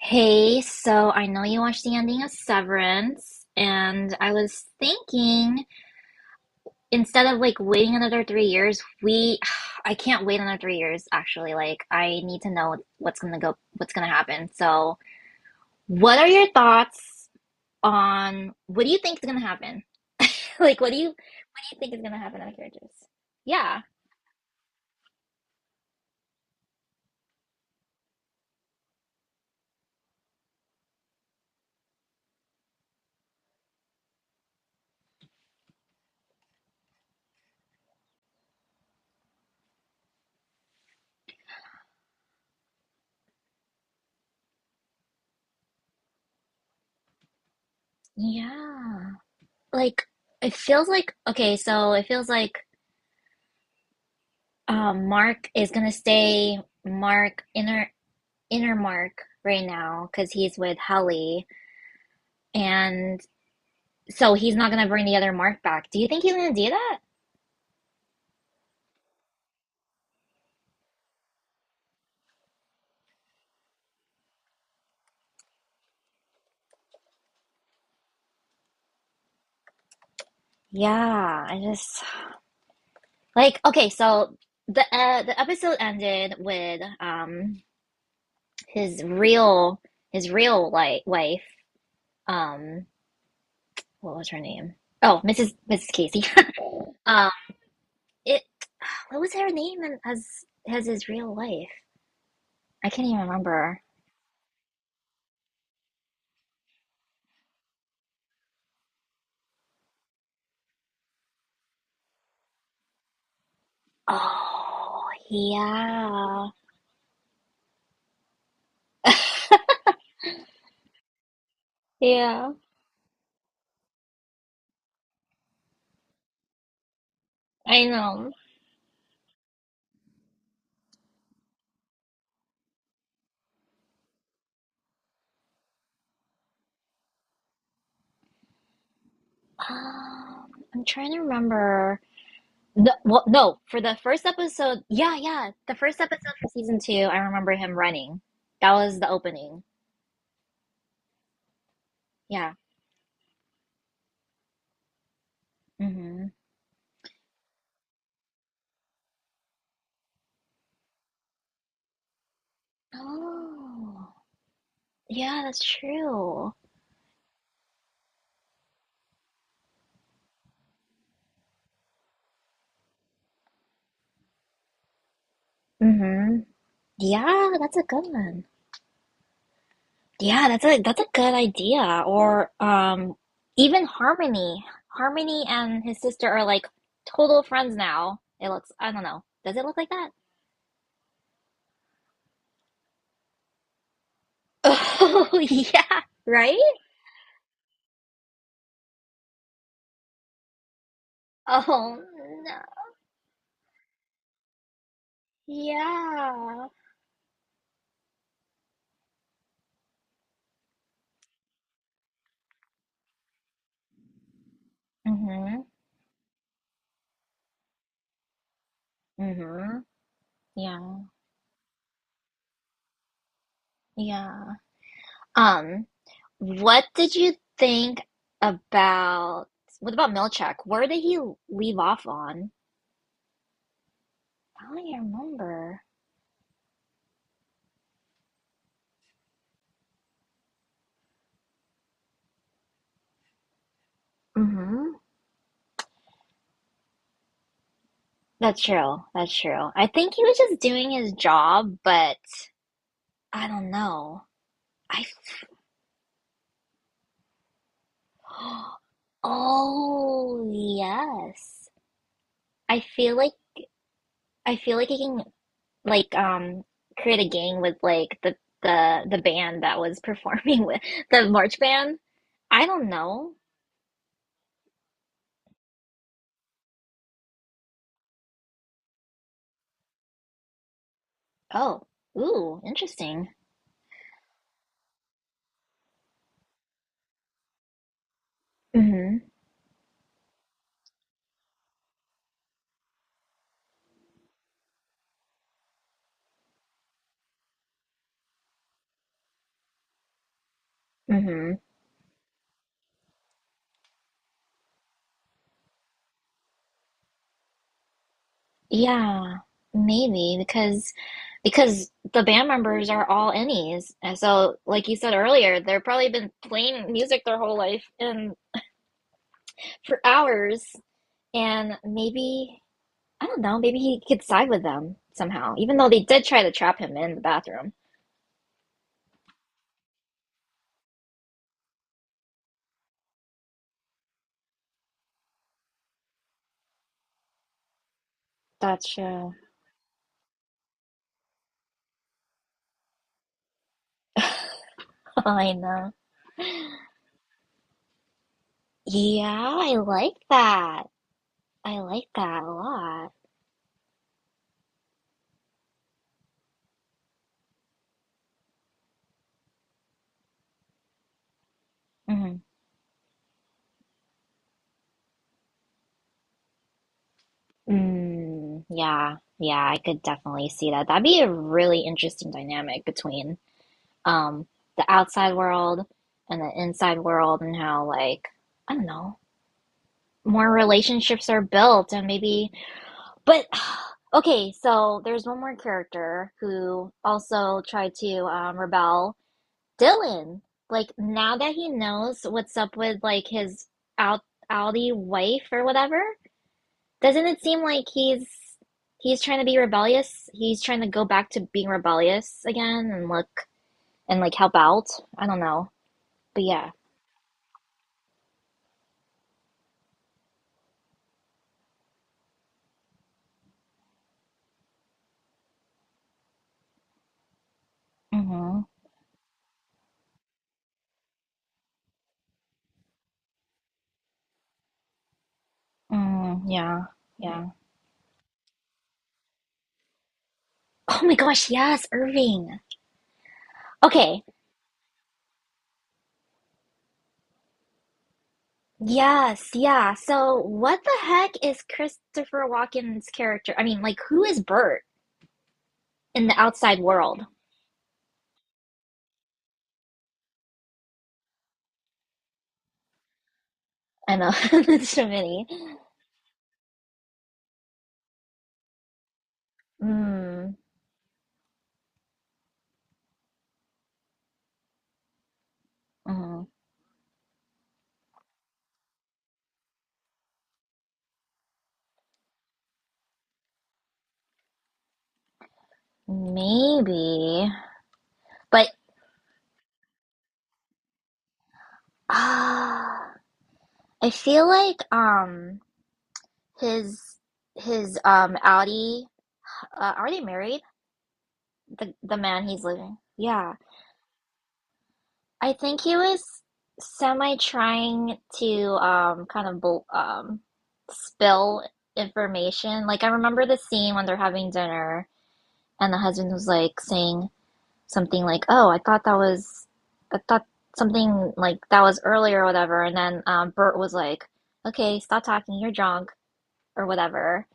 Hey, so I know you watched the ending of Severance, and I was thinking instead of like waiting another 3 years, we I can't wait another 3 years actually. Like I need to know what's gonna go, what's gonna happen. So, what are your thoughts on what do you think is gonna happen? Like, what do you think is gonna happen on the characters? Yeah, yeah. Like it feels like okay, so it feels like Mark is gonna stay Mark inner Innermark right now because he's with Helly, and so he's not gonna bring the other Mark back. Do you think he's gonna do that? Yeah, I just like okay. So the episode ended with his real his real like wife um what was her name? Oh, Mrs. Casey. um, it what was her name as his real wife? I can't even remember. Oh yeah. Yeah, I know. Um, I'm trying to remember. Well, no, for the first episode, yeah, the first episode for season two, I remember him running. That was the opening. Yeah. Mm-hmm. Oh, yeah, that's true. Mm-hmm. Yeah, that's a good one. Yeah, that's a good idea. Or even Harmony and his sister are like total friends now. It looks, I don't know. Does it look like that? Oh, yeah, right? Oh no. Yeah. Mm-hmm. Mm-hmm. Yeah. Yeah. Um, what did you think about what about Milchak? Where did he leave off on? I don't even remember. Mm-hmm. That's true. I think he was just doing his job, but I don't know. I f- Oh, yes. I feel like I feel like he can like create a gang with like the band that was performing with the march band. I don't know. Oh, ooh, interesting. Mm-hmm. Mm-hmm. Yeah, maybe because the band members are all innies. And so, like you said earlier, they've probably been playing music their whole life and for hours. And maybe, I don't know, maybe he could side with them somehow, even though they did try to trap him in the bathroom. Gotcha. I know. Yeah, I like that. I like that a lot. Hmm. Yeah, I could definitely see that. That'd be a really interesting dynamic between um the outside world and the inside world and how like I don't know, more relationships are built and maybe but okay, so there's one more character who also tried to rebel Dylan, like now that he knows what's up with like his out outy wife or whatever, doesn't it seem like he's trying to be rebellious? He's trying to go back to being rebellious again and look and like help out. I don't know. But yeah. Mm-hmm. Mm, yeah. Yeah. Oh my gosh, yes, Irving. Okay. Yes, yeah. So what the heck is Christopher Walken's character? I mean, like who is Bert in the outside world? I know there's too many. Mm, mm, maybe, but ah, I feel like his his Audi are they married? The man he's living. Yeah, I think he was semi trying to kind of spill information. Like I remember the scene when they're having dinner and the husband was like saying something like, "Oh, I thought that was, I thought something like that was earlier or whatever." And then Bert was like, "Okay, stop talking. You're drunk or whatever."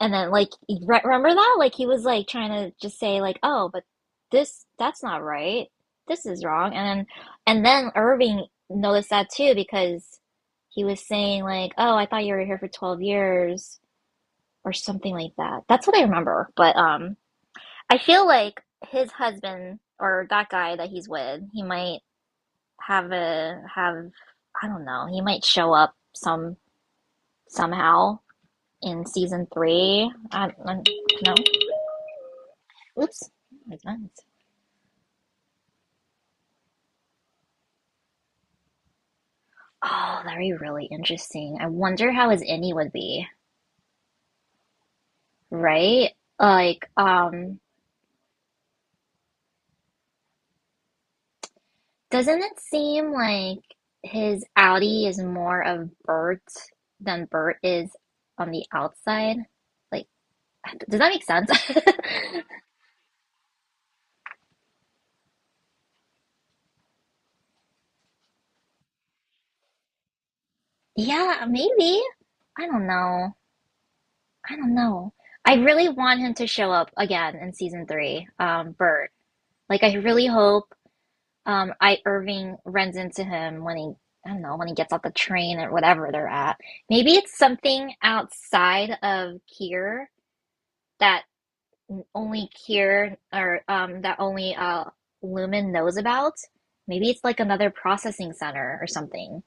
And then like, re remember that? Like he was like trying to just say like, "Oh, but this that's not right. This is wrong." And then Irving noticed that too because he was saying like, "Oh, I thought you were here for 12 years." Or something like that. That's what I remember. But I feel like his husband or that guy that he's with, he might have, I don't know, he might show up somehow in season three. I no. Oops. My guns. Oh, that'd be really interesting. I wonder how his innie would be, right? Like, doesn't it seem like his outie is more of Bert than Bert is on the outside? Like does that make sense? Yeah, maybe. I don't know. I don't know. I really want him to show up again in season three, Bert. Like I really hope I Irving runs into him when he I don't know, when he gets off the train or whatever they're at. Maybe it's something outside of Kier that only Kier or that only Lumen knows about. Maybe it's like another processing center or something.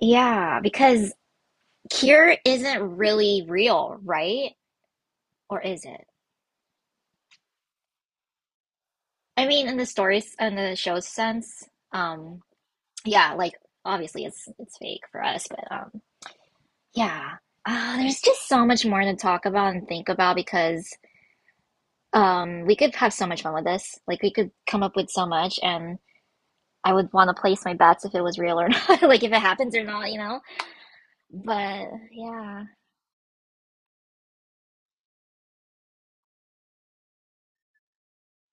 Yeah, because Cure isn't really real, right? Or is it? I mean, in the stories and the show's sense, yeah, like obviously it's fake for us, but yeah. There's just so much more to talk about and think about because we could have so much fun with this. Like we could come up with so much, and I would want to place my bets if it was real or not, like if it happens or not, you know. But yeah,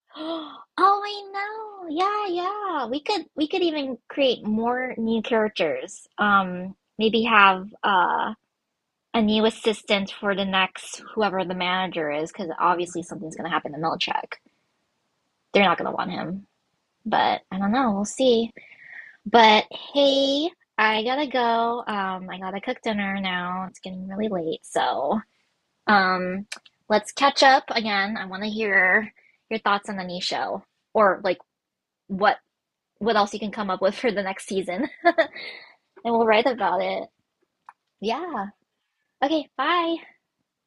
oh, I know. Yeah, yeah. We could even create more new characters. Maybe have a new assistant for the next whoever the manager is, because obviously something's gonna happen to Milchek. They're not gonna want him. But I don't know, we'll see. But hey, I gotta go. I gotta cook dinner now. It's getting really late, so um let's catch up again. I wanna hear your thoughts on the new show. Or like what what else you can come up with for the next season and we'll write about it. Yeah. Okay, bye.